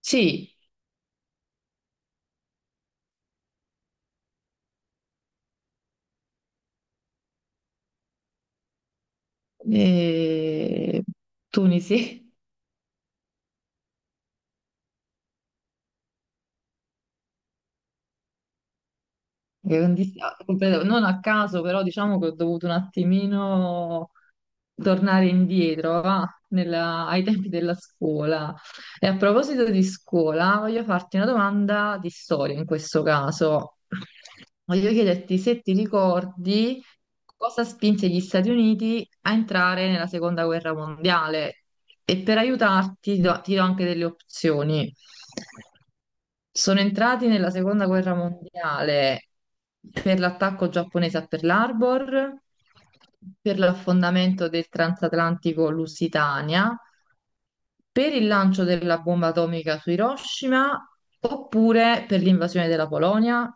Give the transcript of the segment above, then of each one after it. Sì, eh, Tunisi. che non dis- ah, completo- Non a caso, però diciamo che ho dovuto un attimino tornare indietro, va, ai tempi della scuola. E a proposito di scuola, voglio farti una domanda di storia in questo caso. Voglio chiederti se ti ricordi cosa spinse gli Stati Uniti a entrare nella Seconda Guerra Mondiale e per aiutarti ti do anche delle opzioni. Sono entrati nella seconda guerra mondiale per l'attacco giapponese a Pearl Harbor, per l'affondamento del transatlantico Lusitania, per il lancio della bomba atomica su Hiroshima oppure per l'invasione della Polonia.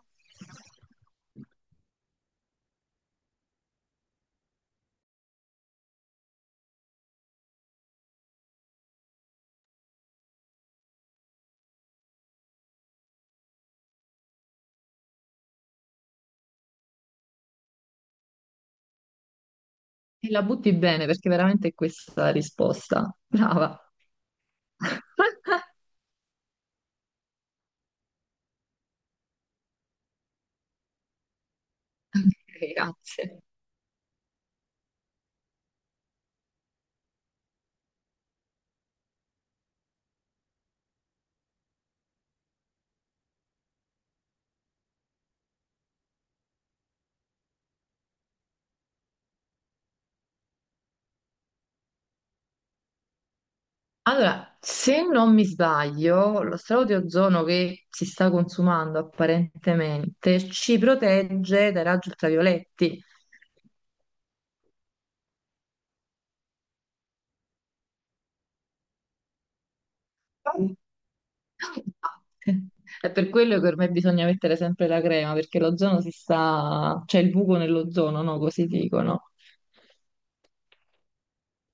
E la butti bene perché veramente è questa la risposta. Brava. Grazie. Allora, se non mi sbaglio, lo strato di ozono che si sta consumando apparentemente ci protegge dai raggi ultravioletti. È per quello che ormai bisogna mettere sempre la crema, perché l'ozono si sta c'è il buco nell'ozono, no? Così dicono.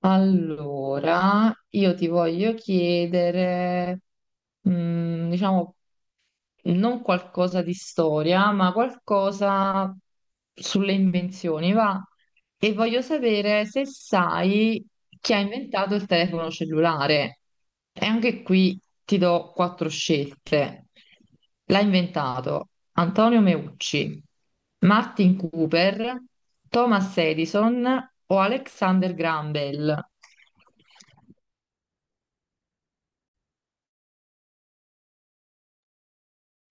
Allora, io ti voglio chiedere, diciamo, non qualcosa di storia, ma qualcosa sulle invenzioni, va. E voglio sapere se sai chi ha inventato il telefono cellulare. E anche qui ti do quattro scelte. L'ha inventato Antonio Meucci, Martin Cooper, Thomas Edison o Alexander Graham Bell.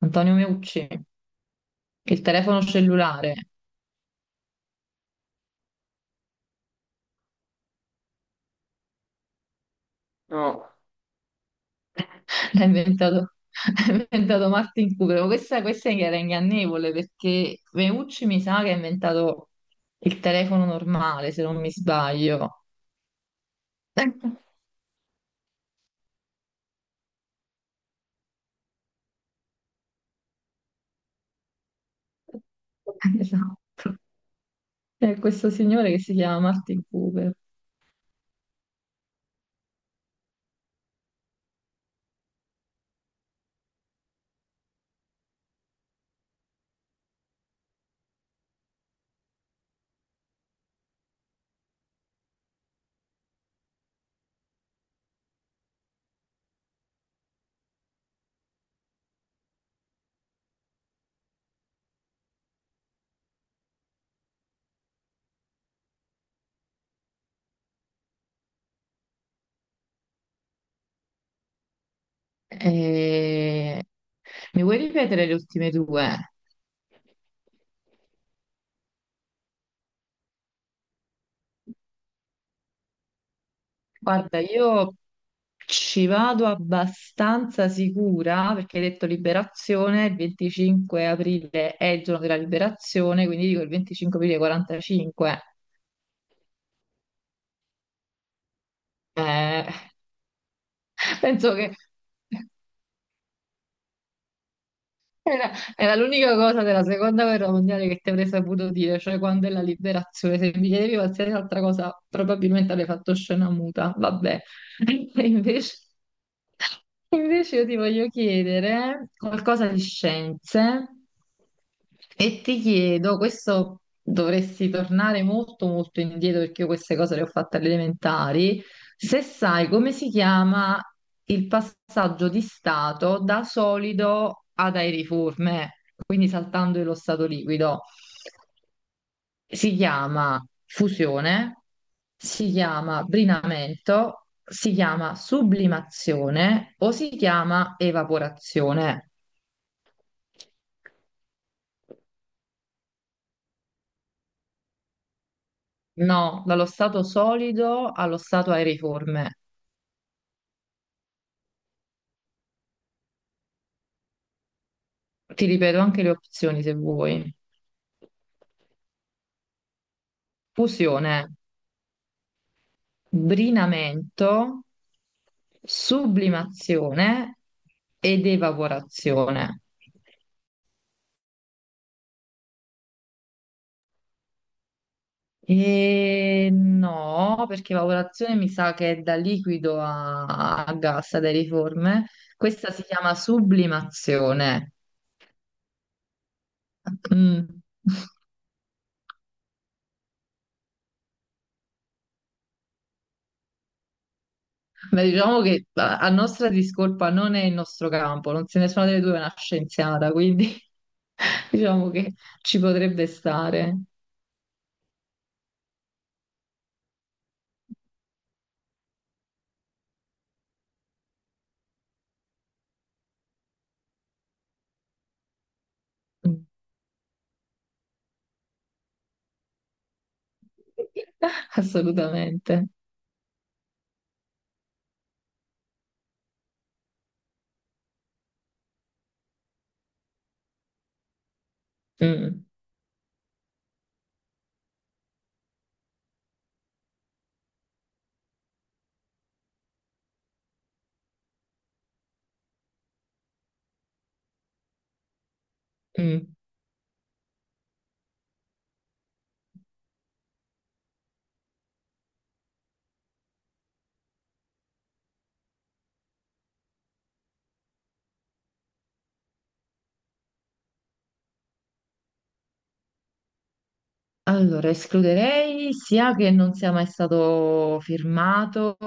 Antonio Meucci, il telefono cellulare. No. L'ha inventato, l'ha inventato Martin Cooper. Ma questa era ingannevole perché Meucci mi sa che ha inventato il telefono normale, se non mi sbaglio. Esatto. È questo signore che si chiama Martin Cooper. E- Mi vuoi ripetere le ultime due? Guarda, io ci vado abbastanza sicura perché hai detto liberazione, il 25 aprile è il giorno della liberazione, quindi dico il 25 aprile 45. Eh, penso che Era, era l'unica cosa della seconda guerra mondiale che ti avrei saputo dire, cioè quando è la liberazione. Se mi chiedevi qualsiasi altra cosa, probabilmente avrei fatto scena muta. Vabbè. E invece, invece io ti voglio chiedere qualcosa di scienze e ti chiedo, questo dovresti tornare molto molto indietro perché io queste cose le ho fatte alle elementari. Se sai come si chiama il passaggio di stato da solido ad aeriforme, quindi saltando lo stato liquido, si chiama fusione, si chiama brinamento, si chiama sublimazione o si chiama evaporazione. No, dallo stato solido allo stato aeriforme. Ti ripeto anche le opzioni se vuoi. Fusione, brinamento, sublimazione ed evaporazione. E no, perché evaporazione mi sa che è da liquido a, a gas, ad aeriforme. Questa si chiama sublimazione. Mm. Beh, diciamo che a nostra discolpa non è il nostro campo, non se nessuna delle due è una scienziata, quindi diciamo che ci potrebbe stare. Mm. Assolutamente. Mm, mm. Allora, escluderei sia che non sia mai stato firmato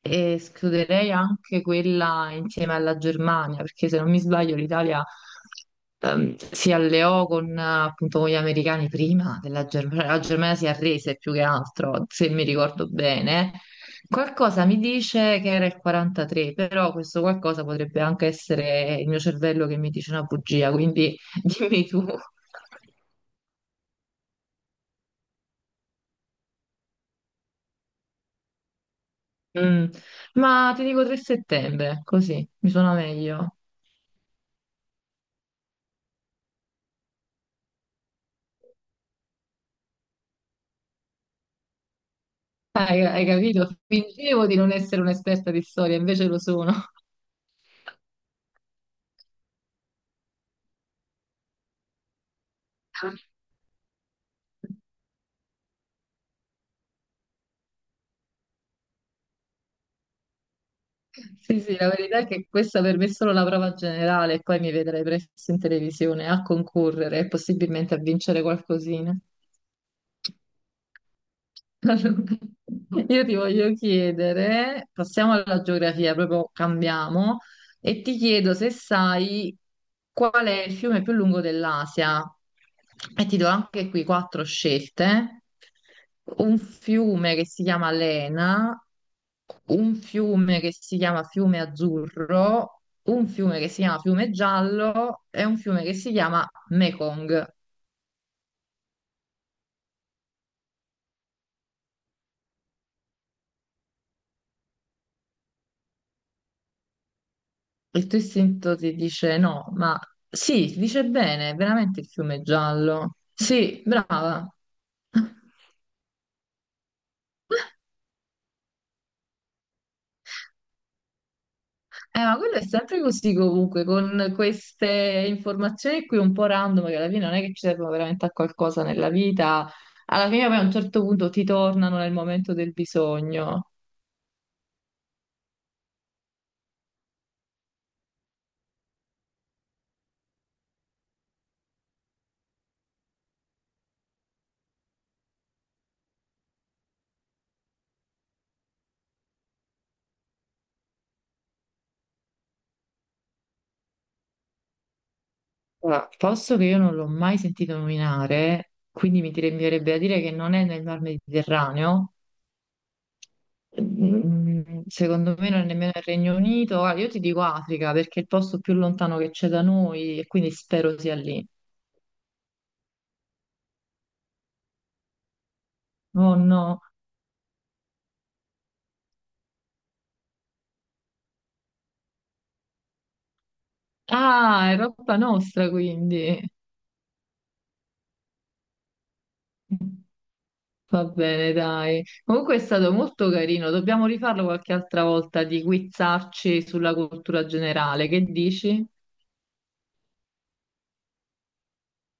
e escluderei anche quella insieme alla Germania, perché se non mi sbaglio l'Italia si alleò con, appunto, con gli americani prima della Germania, la Germania si arrese più che altro, se mi ricordo bene. Qualcosa mi dice che era il 43, però questo qualcosa potrebbe anche essere il mio cervello che mi dice una bugia, quindi dimmi tu. Mm. Ma ti dico 3 settembre, così mi suona meglio. Hai capito? Fingevo di non essere un'esperta di storia, invece lo sono. Sì, sì, la verità è che questa per me è solo la prova generale, e poi mi vedrai presto in televisione a concorrere e possibilmente a vincere qualcosina. Allora, io ti voglio chiedere, passiamo alla geografia, proprio cambiamo, e ti chiedo se sai qual è il fiume più lungo dell'Asia. E ti do anche qui quattro scelte. Un fiume che si chiama Lena, un fiume che si chiama Fiume Azzurro, un fiume che si chiama Fiume Giallo e un fiume che si chiama Mekong. Il tuo istinto ti dice no, ma sì, dice bene, veramente il fiume è giallo. Sì, brava. Ma quello è sempre così comunque, con queste informazioni qui un po' random, che alla fine non è che ci servono veramente a qualcosa nella vita, alla fine poi a un certo punto ti tornano nel momento del bisogno. Allora, posto che io non l'ho mai sentito nominare, quindi mi direbbe a dire che non è nel Mar Mediterraneo. Secondo me non è nemmeno il Regno Unito. Guarda, io ti dico Africa perché è il posto più lontano che c'è da noi e quindi spero sia lì. Oh no. Ah, è roba nostra quindi. Va bene, dai. Comunque è stato molto carino. Dobbiamo rifarlo qualche altra volta di quizzarci sulla cultura generale. Che dici?